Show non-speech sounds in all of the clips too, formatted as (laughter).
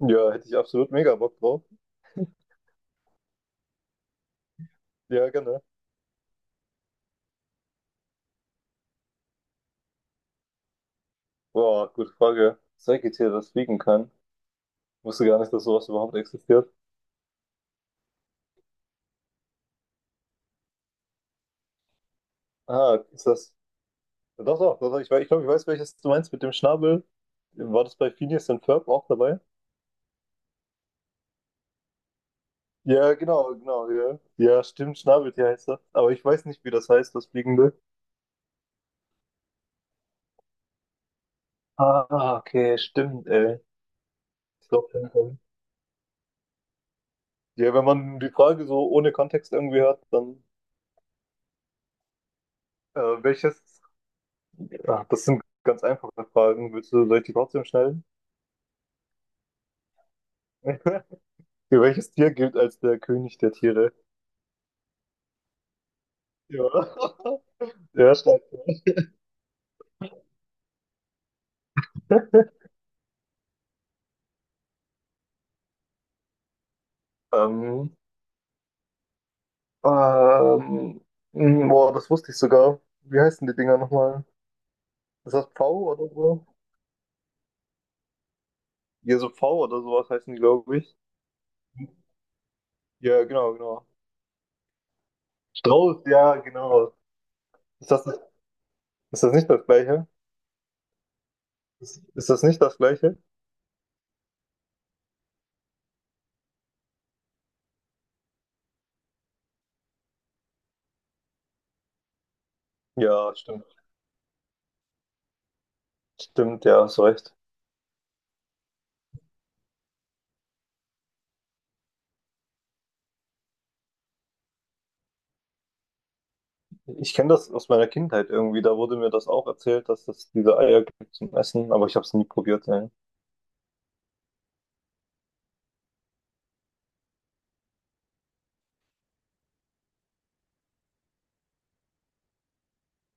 Ja, hätte ich absolut mega Bock drauf. Ja, gerne. Boah, gute Frage. Säugetier, das fliegen kann. Wusste gar nicht, dass sowas überhaupt existiert. Ah, ist das. Doch, doch, doch, doch. Ich glaube, ich weiß, welches du meinst mit dem Schnabel. War das bei Phineas und Ferb auch dabei? Ja, genau, genau, ja. Ja, stimmt, Schnabeltier heißt das. Aber ich weiß nicht, wie das heißt, das Fliegende. Ah, okay, stimmt, ey. Ich glaube, ja, ja. Ja, wenn man die Frage so ohne Kontext irgendwie hört, dann welches? Ah, das sind ganz einfache Fragen. Willst du, soll ich die trotzdem schnell? (laughs) Welches Tier gilt als der König der Tiere? Ja. (laughs) Ja, stark. Ähm, ähm, Boah, das wusste ich sogar. Wie heißen die Dinger nochmal? Ist das V oder so? Ja, so V oder sowas heißen die, glaube ich. Ja, genau, genau. Strauß, ja, genau. Ist das, ist das nicht das Gleiche? Ist das nicht das Gleiche? Ja, stimmt. Stimmt, ja, hast recht. Ich kenne das aus meiner Kindheit irgendwie. Da wurde mir das auch erzählt, dass es diese Eier gibt zum Essen, aber ich habe es nie probiert, ey.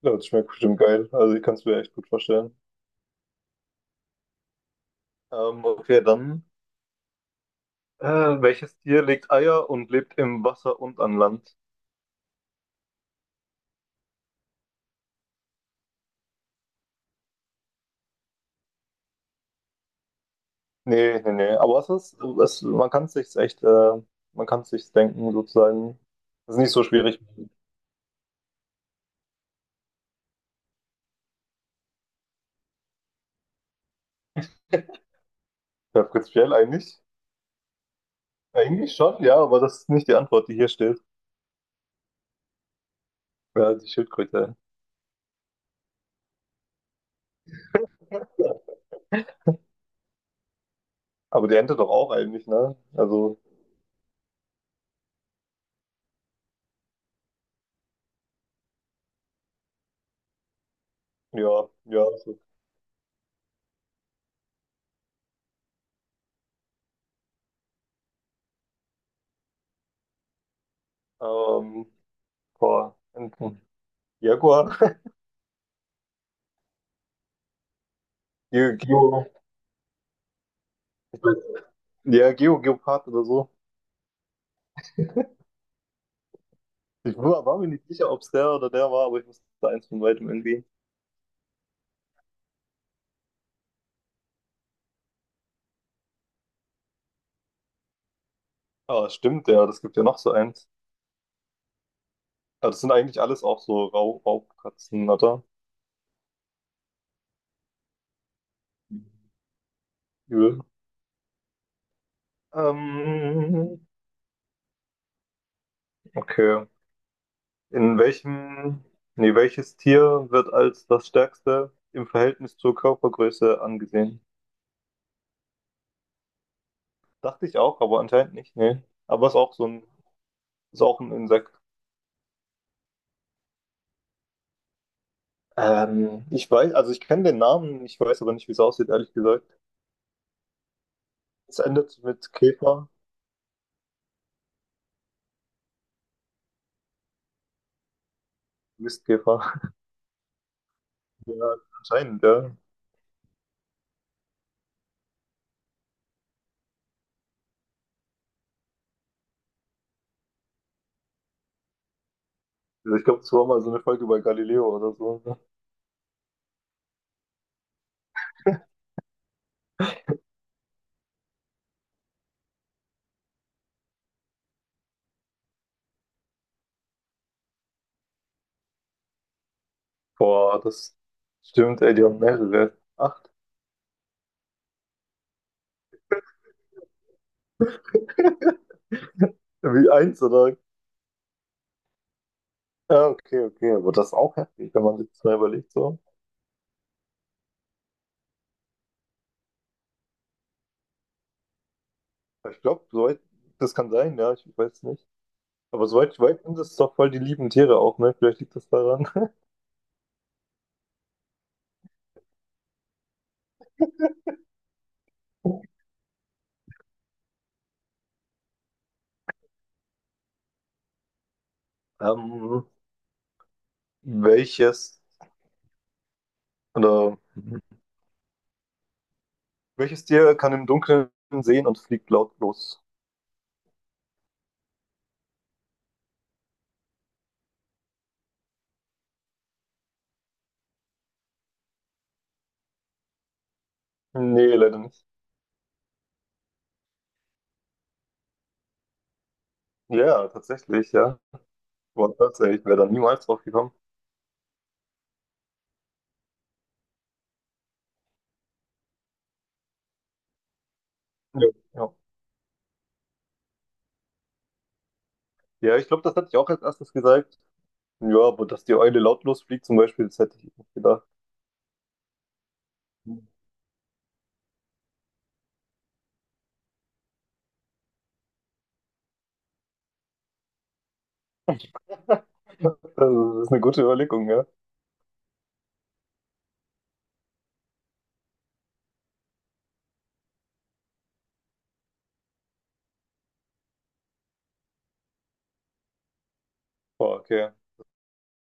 Ja, das schmeckt bestimmt geil. Also ich kann es mir echt gut vorstellen. Okay, dann. Welches Tier legt Eier und lebt im Wasser und an Land? Nee, nee, nee. Man kann es sich echt, man kann es sich denken, sozusagen. Das ist nicht so schwierig. (laughs) Ja, prinzipiell eigentlich. Eigentlich schon, ja, aber das ist nicht die Antwort, die hier steht. Ja, die Schildkröte. Aber die Ente doch auch eigentlich, ne? Also, ja, ja. So. Ähm, boah, Enten. Jaguar. (laughs) Jaguar. Ja, Geo, Geopard oder so. Ich war mir nicht sicher, ob es der oder der war, aber ich wusste eins von weitem irgendwie. Ah, stimmt, ja, das gibt ja noch so eins. Ah, das sind eigentlich alles auch so Raubkatzen, oder? Übel. Ähm, okay. In welchem, nee, welches Tier wird als das stärkste im Verhältnis zur Körpergröße angesehen? Dachte ich auch, aber anscheinend nicht, nee. Aber ist auch so ein, ist auch ein Insekt. Ich weiß, also ich kenne den Namen, ich weiß aber nicht, wie es aussieht, ehrlich gesagt. Es endet mit Käfer, Mistkäfer. (laughs) Ja, anscheinend, ja. Also ich glaube, es war mal so eine Folge bei Galileo oder so, ne? Boah, das stimmt, ey, die haben mehrere. Acht. (laughs) Wie eins oder? Ja, okay, okay. Aber das ist auch heftig, wenn man sich das mal überlegt, so. Ich glaube, soweit, Das kann sein, ja, ich weiß nicht. Aber soweit ich weiß, sind das doch voll die lieben Tiere auch, ne? Vielleicht liegt das daran. (laughs) Ähm, welches, oder, Welches Tier kann im Dunkeln sehen und fliegt lautlos? Nee, leider nicht. Ja, tatsächlich, ja. Boah, tatsächlich, ich wäre da niemals drauf gekommen. Ja, ja. Ja, ich glaube, das hätte ich auch als erstes gesagt. Ja, aber dass die Eule lautlos fliegt zum Beispiel, das hätte ich nicht gedacht. Also, das ist eine gute Überlegung, ja. Boah, okay.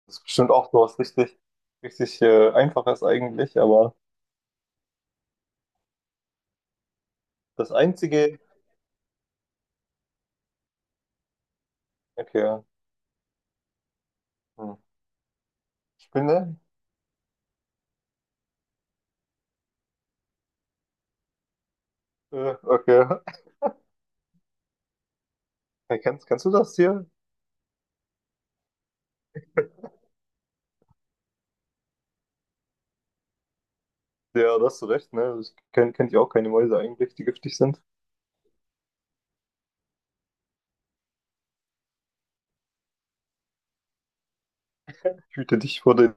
Das ist bestimmt auch so was richtig, richtig Einfaches eigentlich, aber das einzige. Okay. Hm. Spinne? Okay. (laughs) Ja, kennst du das hier? Ja, da hast du recht, ne? Also, kenn ich auch keine Mäuse eigentlich, die giftig sind. Hüte dich vor den.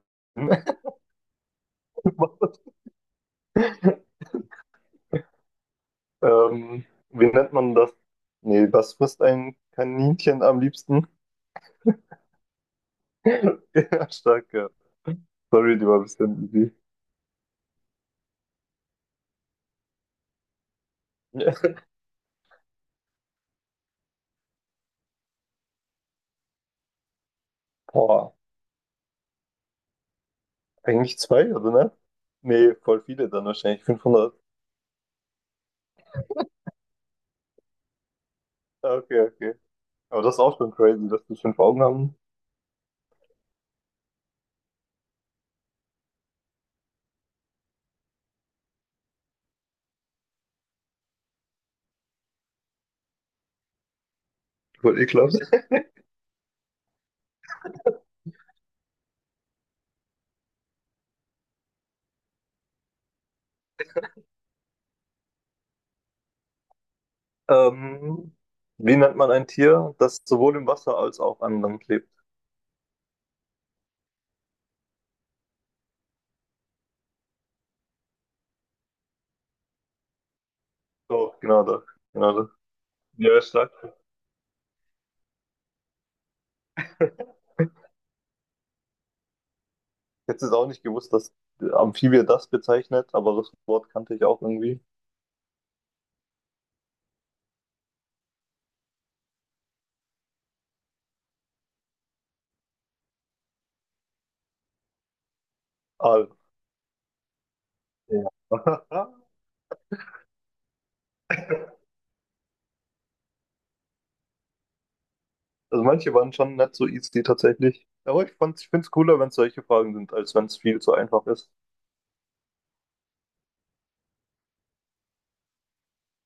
(laughs) (laughs) Wie nennt man das? Nee, was frisst ein Kaninchen am liebsten? (laughs) Ja, stark, ja. Sorry, die war ein bisschen easy. (laughs) Ja. Boah, eigentlich zwei, oder ne? Nee, voll viele dann wahrscheinlich. 500. Ah, okay, okay. Aber das ist auch schon crazy, dass die fünf Augen haben. Voll ekelhaft. Ähm, wie nennt man ein Tier, das sowohl im Wasser als auch an Land lebt? Doch, genau das. Genau das. Ja, stark. (laughs) Jetzt ist auch nicht gewusst, dass Amphibie das bezeichnet, aber das Wort kannte ich auch irgendwie. Ah, ja. (laughs) Also manche waren schon nicht so easy tatsächlich. Ich finde es cooler, wenn es solche Fragen sind, als wenn es viel zu einfach ist.